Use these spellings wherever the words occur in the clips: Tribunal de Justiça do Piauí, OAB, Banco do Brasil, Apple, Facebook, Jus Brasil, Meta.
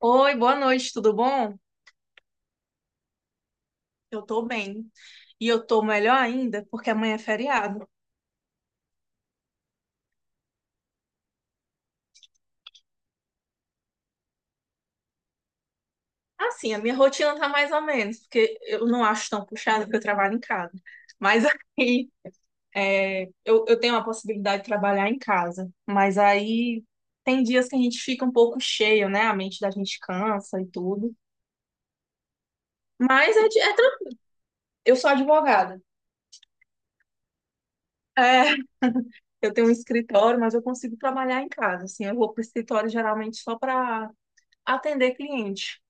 Oi, boa noite, tudo bom? Eu tô bem. E eu tô melhor ainda porque amanhã é feriado. Assim, a minha rotina tá mais ou menos, porque eu não acho tão puxada porque eu trabalho em casa. Mas aí eu tenho a possibilidade de trabalhar em casa. Mas aí tem dias que a gente fica um pouco cheio, né? A mente da gente cansa e tudo. Mas é tranquilo. Eu sou advogada. É, eu tenho um escritório, mas eu consigo trabalhar em casa. Assim, eu vou pro escritório geralmente só para atender cliente.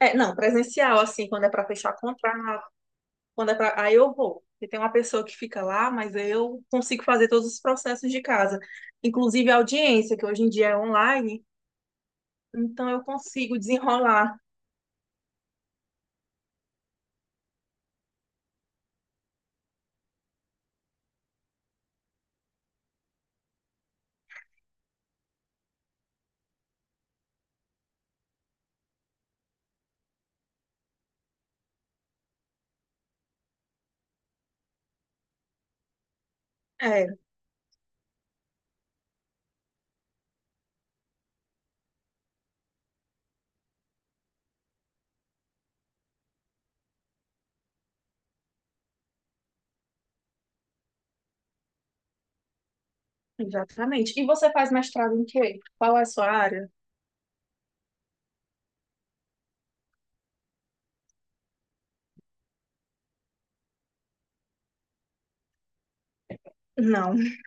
É, não, presencial, assim, quando é para fechar contrato, quando é para. Aí eu vou. E tem uma pessoa que fica lá, mas eu consigo fazer todos os processos de casa, inclusive a audiência, que hoje em dia é online, então eu consigo desenrolar. É, exatamente. E você faz mestrado em quê? Qual é a sua área? Não.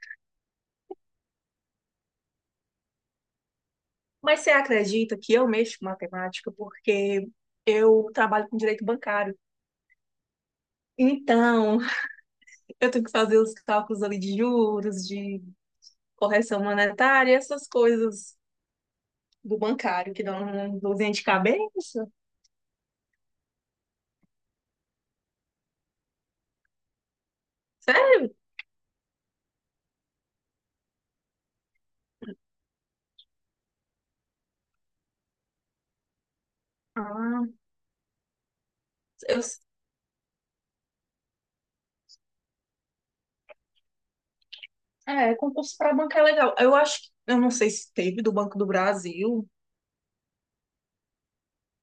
Mas você acredita que eu mexo com matemática porque eu trabalho com direito bancário. Então, eu tenho que fazer os cálculos ali de juros, de correção monetária, essas coisas do bancário que dão uma dorzinha de cabeça. Sério? Ah, eu, concurso para banco é legal. Eu acho que, eu não sei se teve do Banco do Brasil.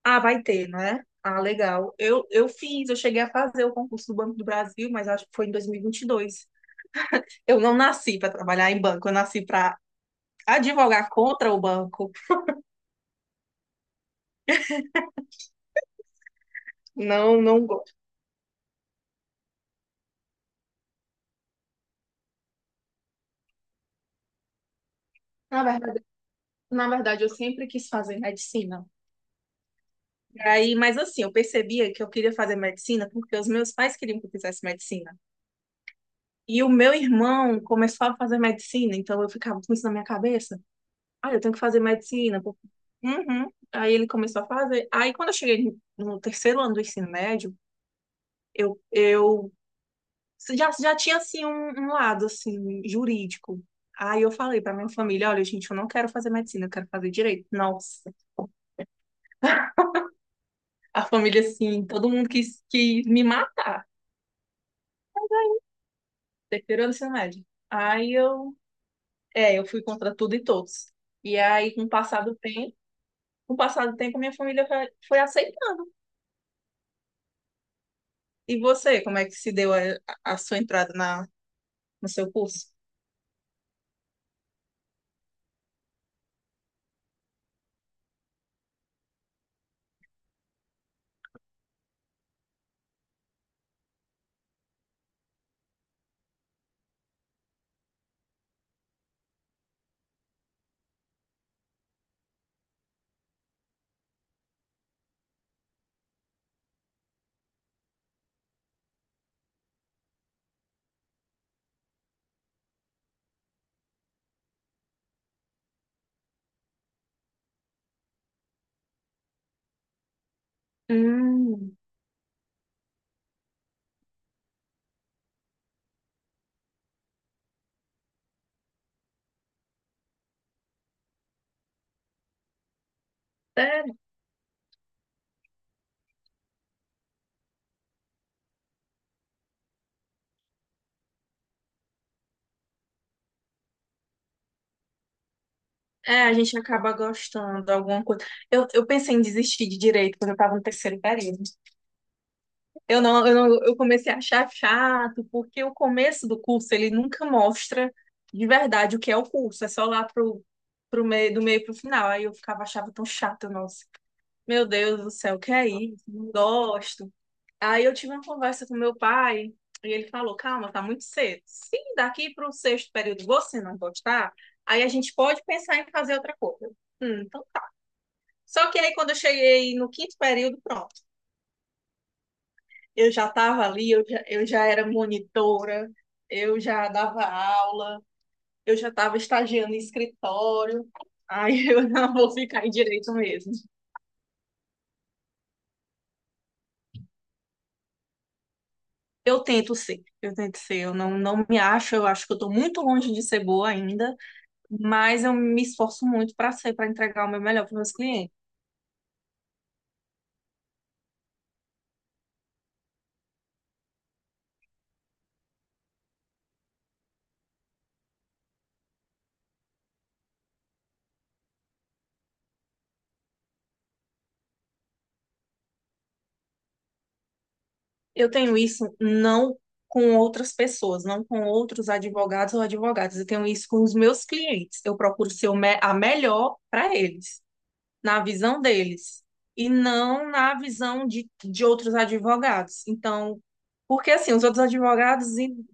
Ah, vai ter, né? Ah, legal. Eu fiz, eu cheguei a fazer o concurso do Banco do Brasil, mas acho que foi em dois mil e vinte e dois. Eu não nasci para trabalhar em banco, eu nasci para advogar contra o banco. Não, não gosto. Na verdade, na verdade, eu sempre quis fazer medicina. Aí, mas assim, eu percebia que eu queria fazer medicina porque os meus pais queriam que eu fizesse medicina. E o meu irmão começou a fazer medicina, então eu ficava com isso na minha cabeça. Ah, eu tenho que fazer medicina, pô. Uhum. Aí ele começou a fazer. Aí quando eu cheguei no terceiro ano do ensino médio, eu já tinha assim um lado assim jurídico. Aí eu falei pra minha família: olha, gente, eu não quero fazer medicina, eu quero fazer direito. Nossa, a família assim, todo mundo quis me matar. Terceiro ano do ensino médio. Aí eu fui contra tudo e todos. E aí, com o passar do tempo, com o passar do tempo, minha família foi aceitando. E você, como é que se deu a sua entrada na, no seu curso? Hum, sério? É, a gente acaba gostando de alguma coisa. Eu pensei em desistir de direito quando eu estava no terceiro período. Eu não, eu não, eu comecei a achar chato, porque o começo do curso ele nunca mostra de verdade o que é o curso, é só lá pro meio, do meio pro final. Aí eu ficava, achava tão chato, nossa, meu Deus do céu, o que é isso? Não gosto. Aí eu tive uma conversa com meu pai e ele falou: calma, tá muito cedo. Se daqui pro sexto período você não gostar, aí a gente pode pensar em fazer outra coisa. Então tá. Só que aí quando eu cheguei no quinto período, pronto. Eu já estava ali, eu já era monitora, eu já dava aula, eu já estava estagiando em escritório. Aí eu não vou ficar em direito mesmo. Eu tento ser, eu tento ser. Eu não me acho, eu acho que eu estou muito longe de ser boa ainda, mas eu me esforço muito para ser, para entregar o meu melhor para meus clientes. Eu tenho isso não com outras pessoas, não com outros advogados ou advogadas. Eu tenho isso com os meus clientes. Eu procuro ser a melhor para eles, na visão deles e não na visão de outros advogados. Então, porque assim, os outros advogados,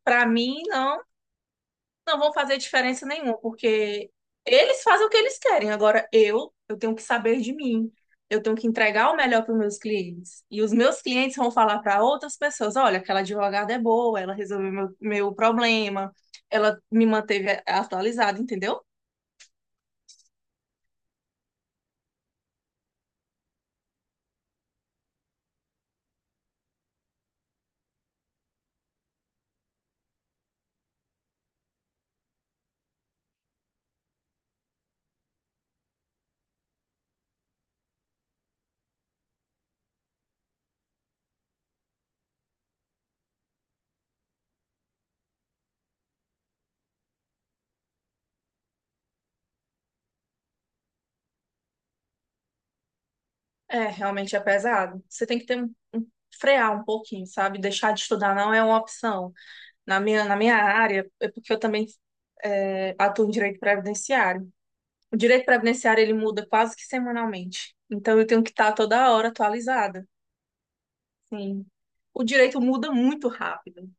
para mim, não vão fazer diferença nenhuma, porque eles fazem o que eles querem. Agora, eu tenho que saber de mim. Eu tenho que entregar o melhor para os meus clientes. E os meus clientes vão falar para outras pessoas: olha, aquela advogada é boa, ela resolveu meu problema, ela me manteve atualizada, entendeu? É, realmente é pesado. Você tem que ter frear um pouquinho, sabe? Deixar de estudar não é uma opção. Na minha área, é porque eu também atuo em direito previdenciário. O direito previdenciário ele muda quase que semanalmente. Então eu tenho que estar toda hora atualizada. Sim. O direito muda muito rápido.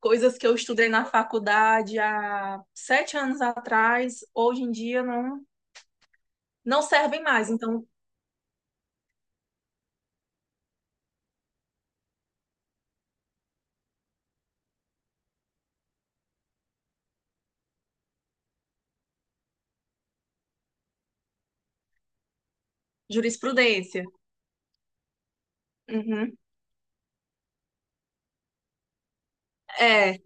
Coisas que eu estudei na faculdade há 7 anos atrás, hoje em dia não, não servem mais. Então, jurisprudência. Uhum. É,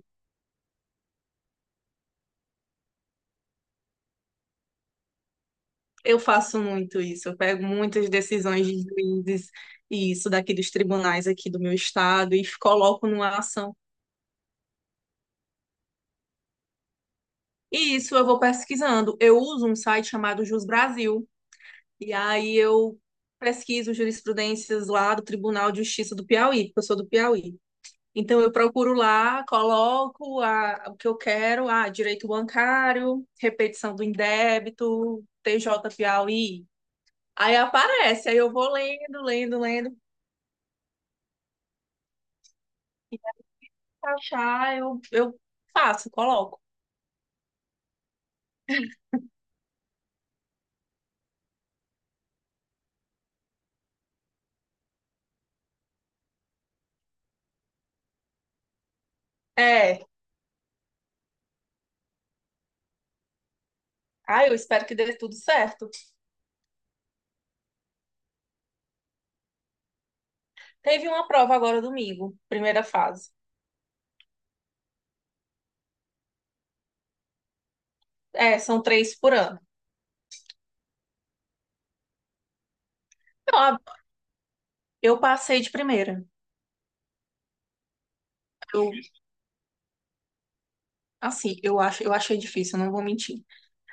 eu faço muito isso, eu pego muitas decisões de juízes e isso daqui dos tribunais aqui do meu estado e coloco numa ação. E isso eu vou pesquisando. Eu uso um site chamado Jus Brasil e aí eu pesquiso jurisprudências lá do Tribunal de Justiça do Piauí, porque eu sou do Piauí. Então eu procuro lá, coloco o que eu quero, ah, direito bancário, repetição do indébito, TJ Piauí. Aí aparece, aí eu vou lendo, lendo, lendo. Achar, eu faço, coloco. É. Ah, eu espero que dê tudo certo. Teve uma prova agora domingo, primeira fase. É, são 3 por ano. Eu, a- eu passei de primeira. Eu, assim, eu achei difícil, não vou mentir.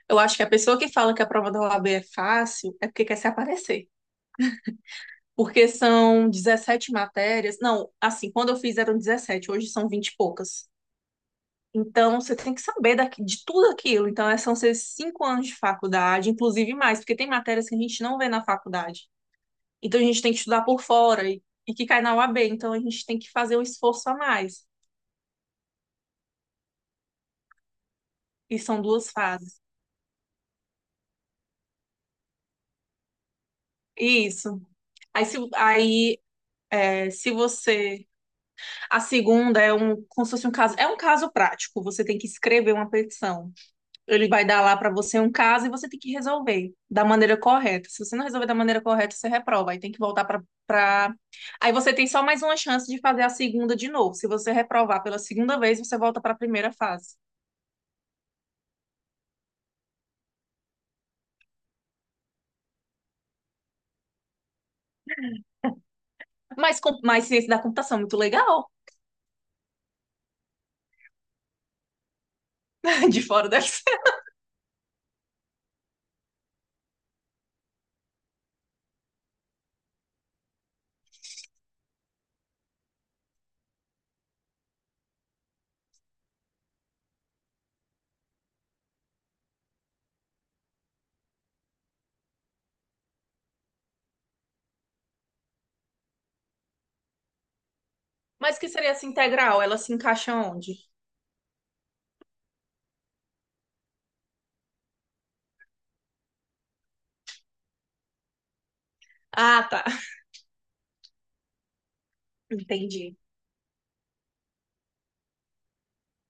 Eu acho que a pessoa que fala que a prova da OAB é fácil é porque quer se aparecer. Porque são 17 matérias. Não, assim, quando eu fiz eram 17, hoje são 20 e poucas. Então, você tem que saber de tudo aquilo. Então, são seus 5 anos de faculdade, inclusive mais, porque tem matérias que a gente não vê na faculdade. Então, a gente tem que estudar por fora e que cai na UAB. Então, a gente tem que fazer um esforço a mais. E são duas fases. Isso. Aí, se, aí, é, se você. A segunda é um, como se fosse um caso. É um caso prático. Você tem que escrever uma petição. Ele vai dar lá para você um caso e você tem que resolver da maneira correta. Se você não resolver da maneira correta, você reprova. Aí tem que voltar para pra... Aí você tem só mais uma chance de fazer a segunda de novo. Se você reprovar pela segunda vez, você volta para a primeira fase. Mas ciência da computação, é muito legal. De fora deve ser. Mas o que seria essa integral? Ela se encaixa onde? Ah, tá. Entendi.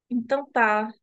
Então tá.